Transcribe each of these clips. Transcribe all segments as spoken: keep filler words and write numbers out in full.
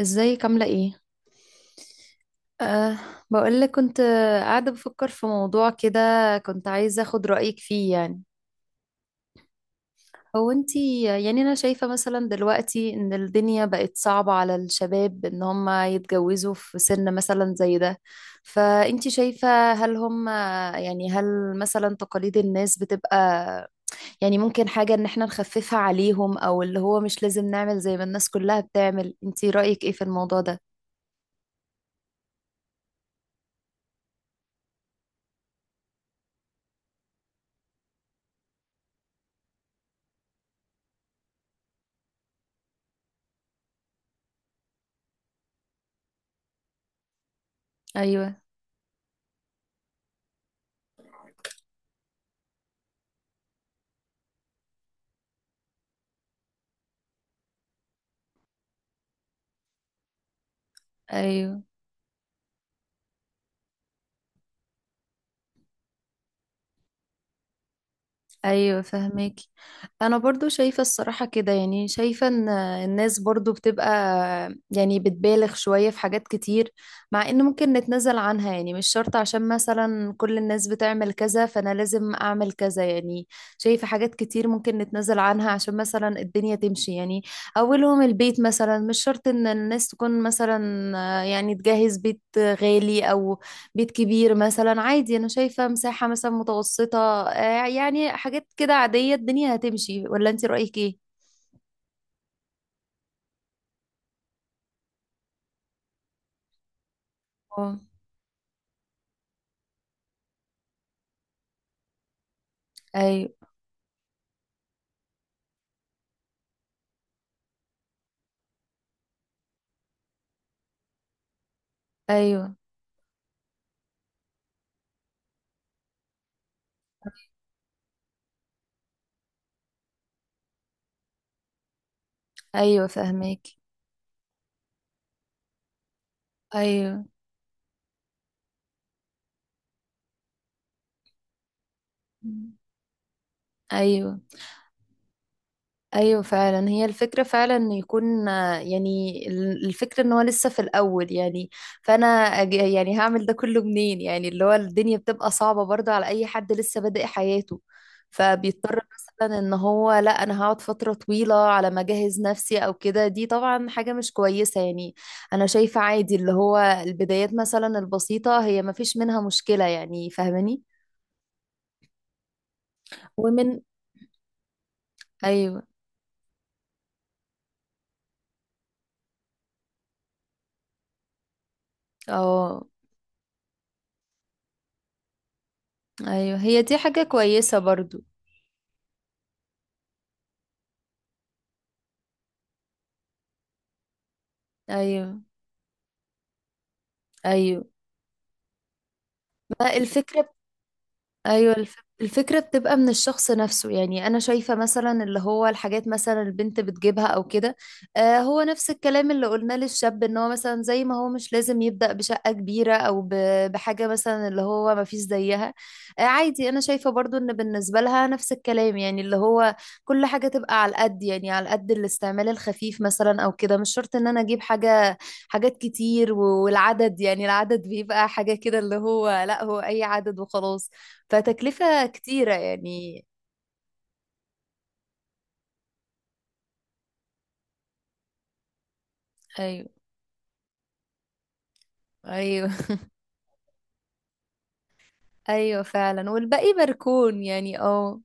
ازيك عاملة ايه؟ أه. بقولك كنت قاعدة بفكر في موضوع كده. كنت عايزة اخد رأيك فيه يعني. هو انتي يعني انا شايفة مثلا دلوقتي ان الدنيا بقت صعبة على الشباب ان هم يتجوزوا في سن مثلا زي ده. فانتي شايفة هل هم يعني هل مثلا تقاليد الناس بتبقى، يعني ممكن حاجة ان احنا نخففها عليهم او اللي هو مش لازم نعمل زي ما الناس كلها بتعمل، انتي رأيك ايه في الموضوع ده؟ ايوه، ايوه، ايوه، فهمك. انا برضو شايفة الصراحة كده، يعني شايفة ان الناس برضو بتبقى يعني بتبالغ شوية في حاجات كتير، مع ان ممكن نتنازل عنها يعني مش شرط عشان مثلا كل الناس بتعمل كذا فانا لازم اعمل كذا يعني. شايفة حاجات كتير ممكن نتنازل عنها عشان مثلا الدنيا تمشي يعني. اولهم البيت مثلا، مش شرط ان الناس تكون مثلا يعني تجهز بيت غالي او بيت كبير، مثلا عادي انا شايفة مساحة مثلا متوسطة. آه، يعني حاجات كده عادية الدنيا هتمشي، ولا انت رأيك ايه؟ اه، ايوه، ايوه، ايوه، فهماكي. ايوه، ايوه، ايوه، فعلا هي الفكره فعلا ان يكون، آه، يعني ال- الفكره ان هو لسه في الاول يعني. فانا أج- يعني هعمل ده كله منين، يعني اللي هو الدنيا بتبقى صعبه برضه على اي حد لسه بادئ حياته. فبيضطر مثلا ان هو لا انا هقعد فتره طويله على ما اجهز نفسي او كده، دي طبعا حاجه مش كويسه يعني. انا شايفه عادي اللي هو البدايات مثلا البسيطه هي ما فيش منها مشكله يعني، فاهماني؟ ومن ايوه، اه، ايوه، هي دي حاجه كويسه برضه. ايوه، ايوه، ما الفكره. ايوه الف- الفكره بتبقى من الشخص نفسه، يعني انا شايفه مثلا اللي هو الحاجات مثلا البنت بتجيبها او كده. آه هو نفس الكلام اللي قلناه للشاب ان هو مثلا زي ما هو مش لازم يبدا بشقه كبيره او ب- بحاجه مثلا اللي هو ما فيش زيها. آه عادي انا شايفه برضو ان بالنسبه لها نفس الكلام، يعني اللي هو كل حاجه تبقى على قد، يعني على قد الاستعمال الخفيف مثلا او كده، مش شرط ان انا اجيب حاجه. حاجات كتير و- والعدد، يعني العدد بيبقى حاجه كده اللي هو لا هو اي عدد وخلاص، فتكلفة كتيرة يعني. ايوه، ايوه، ايوه فعلا، والباقي بركون يعني اه.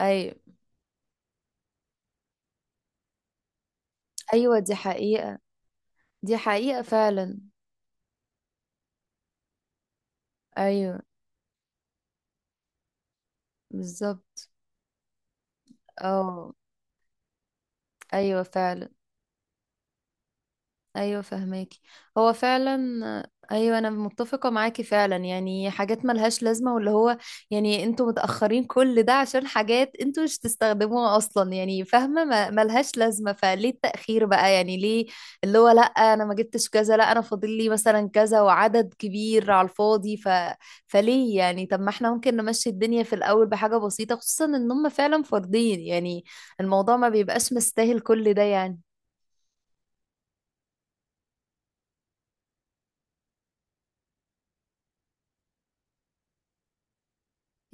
ايوه، ايوه، دي حقيقة، دي حقيقة فعلا. ايوه بالظبط اه. ايوه فعلا، ايوه فهماكي، هو فعلا ايوه، انا متفقه معاكي فعلا، يعني حاجات ملهاش لازمه، واللي هو يعني انتوا متاخرين كل ده عشان حاجات انتوا مش تستخدموها اصلا يعني، فاهمه ما- ملهاش لازمه، فليه التاخير بقى يعني، ليه؟ اللي هو لا انا ما جبتش كذا، لا انا فاضل لي مثلا كذا وعدد كبير على الفاضي. ف... فليه يعني طب ما احنا ممكن نمشي الدنيا في الاول بحاجه بسيطه، خصوصا ان هم فعلا فاردين يعني، الموضوع ما بيبقاش مستاهل كل ده يعني.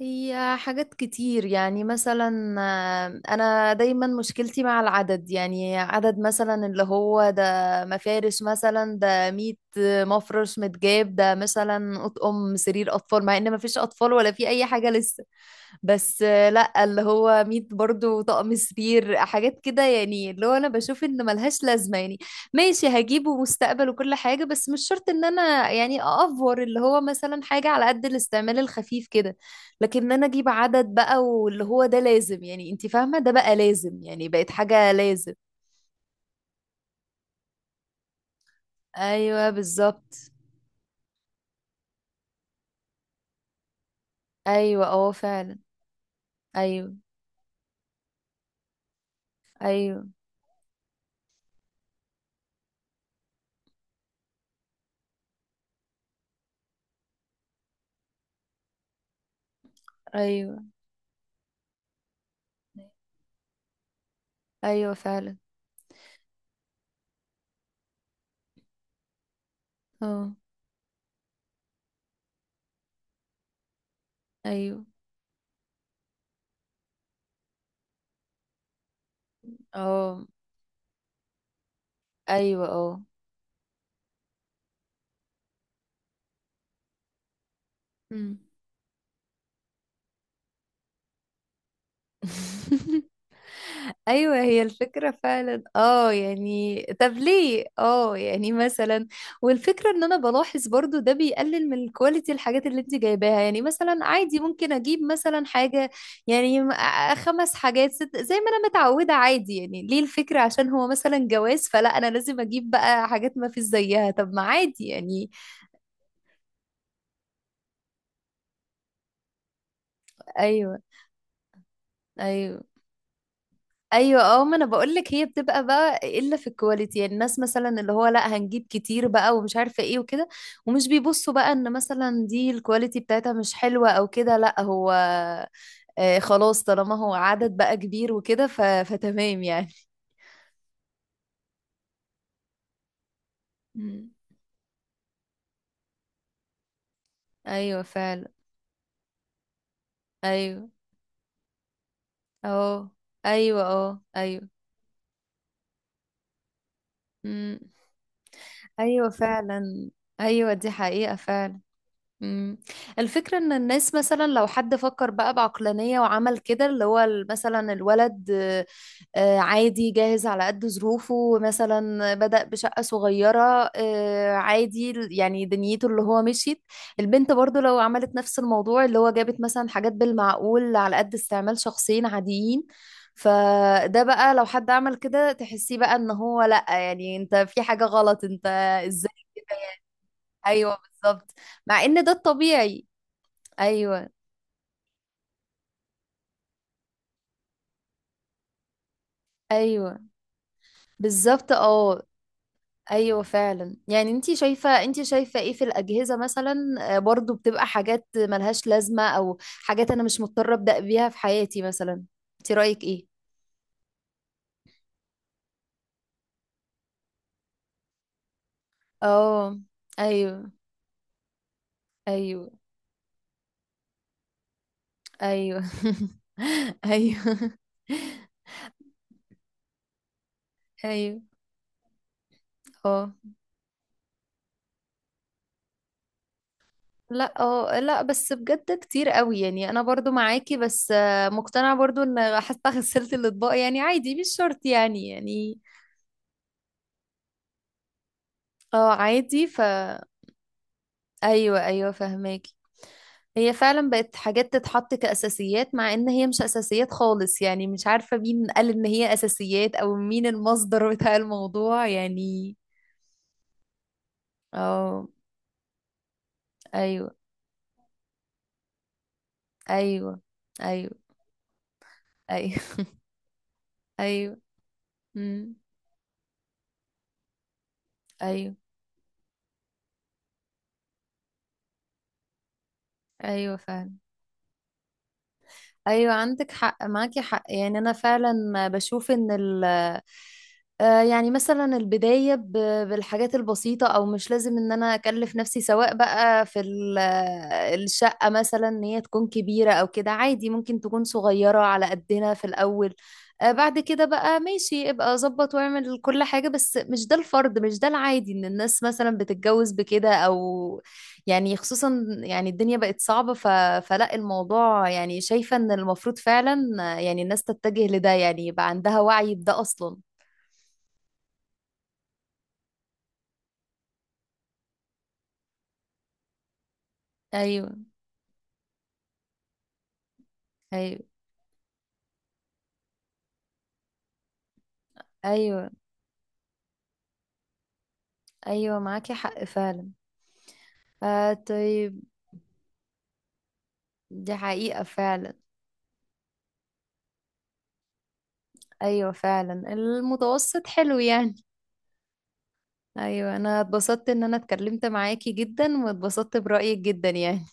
هي حاجات كتير يعني، مثلا آه، انا دايما مشكلتي مع العدد، يعني عدد مثلا اللي هو ده مفارش مثلا، ده مية مفرش، متجاب ده مثلا اطقم سرير اطفال مع ان مفيش اطفال ولا في اي حاجة لسه، بس آه، لا اللي هو ميت برضو طقم سرير، حاجات كده يعني، اللي هو انا بشوف ان ملهاش لازمه يعني. ماشي، هجيبه مستقبل وكل حاجه، بس مش شرط ان انا يعني اافور، اللي هو مثلا حاجه على قد الاستعمال الخفيف كده، لكن ان انا اجيب عدد بقى واللي هو ده لازم، يعني انت فاهمه، ده بقى لازم يعني، بقت حاجه لازم. ايوه بالظبط. ايوه اه فعلا. ايوه، ايوه، ايوه، ايوه فعلا اه. ايوه، اه، ايوه، اه، مم. ايوه، هي الفكره فعلا اه، يعني طب ليه، اه يعني مثلا. والفكره ان انا بلاحظ برضو ده بيقلل من الكواليتي، الحاجات اللي انت جايباها يعني مثلا، عادي ممكن اجيب مثلا حاجه، يعني م- آه خمس حاجات ست زي ما انا متعوده عادي، يعني ليه الفكره، عشان هو مثلا جواز فلا انا لازم اجيب بقى حاجات ما فيش زيها، طب ما عادي يعني. ايوه، ايوه، ايوه اه، ما انا بقول لك، هي بتبقى بقى الا في الكواليتي، يعني الناس مثلا اللي هو لا هنجيب كتير بقى ومش عارفه ايه وكده، ومش بيبصوا بقى ان مثلا دي الكواليتي بتاعتها مش حلوه او كده، لا هو آه خلاص طالما هو عدد بقى كبير وكده. ف... فتمام يعني. مم. ايوه فعلا. ايوه اه، ايوه اه، ايوه، امم، ايوه فعلا، ايوه دي حقيقه فعلا. مم. الفكرة ان الناس مثلا لو حد فكر بقى بعقلانية وعمل كده اللي هو، ال- مثلا الولد آه، آه، عادي جاهز على قد ظروفه، مثلا بدأ بشقة صغيرة، آه، عادي ال- يعني دنيته اللي هو مشيت. البنت برضو لو عملت نفس الموضوع، اللي هو جابت مثلا حاجات بالمعقول على قد استعمال شخصين عاديين، فده بقى لو حد عمل كده تحسيه بقى ان هو لأ، يعني انت في حاجة غلط انت، ازاي؟ ايوه بالظبط، مع ان ده الطبيعي. ايوه ايوه بالظبط اه. ايوه فعلا، يعني انتي شايفه، انتي شايفه ايه في الاجهزه مثلا؟ آه، برضو بتبقى حاجات ملهاش لازمه، او حاجات انا مش مضطره ابدا بيها في حياتي مثلا، انتي رايك ايه؟ اه. ايوه. ايوه. ايوه ايوه ايوه اه. لا اه، لا بس بجد كتير قوي يعني، انا برضو معاكي، بس آه، مقتنعة برضو ان حتى غسلت الاطباق يعني عادي، مش شرط يعني يعني. اه عادي ف ايوه، ايوه فهماكي. هي فعلا بقت حاجات تتحط كأساسيات، مع ان هي مش اساسيات خالص، يعني مش عارفة مين قال ان هي اساسيات، او مين المصدر بتاع الموضوع يعني. اه. ايوه. ايوه. ايوه. ايوه ايوه، امم، ايوه، ايوه فعلا، ايوه عندك حق، معاكي حق يعني، انا فعلا بشوف ان ال آه، يعني مثلا البداية ب- بالحاجات البسيطة، او مش لازم ان انا اكلف نفسي سواء بقى في ال- آه، الشقة مثلا، ان هي تكون كبيرة او كده، عادي ممكن تكون صغيرة على قدنا في الاول. آه، بعد كده بقى ماشي ابقى ظبط واعمل كل حاجة، بس مش ده الفرض، مش ده العادي ان الناس مثلا بتتجوز بكده او، يعني خصوصا يعني الدنيا بقت صعبة. ف... فلا الموضوع يعني شايفة ان المفروض فعلا آه، يعني الناس تتجه لده يعني يبقى عندها وعي بده اصلا. ايوه. ايوه. ايوه. ايوه معاكي حق فعلا. آه طيب. دي حقيقة فعلا. ايوه فعلا، المتوسط حلو يعني. ايوه انا اتبسطت ان انا اتكلمت معاكي جدا، واتبسطت برأيك جدا يعني.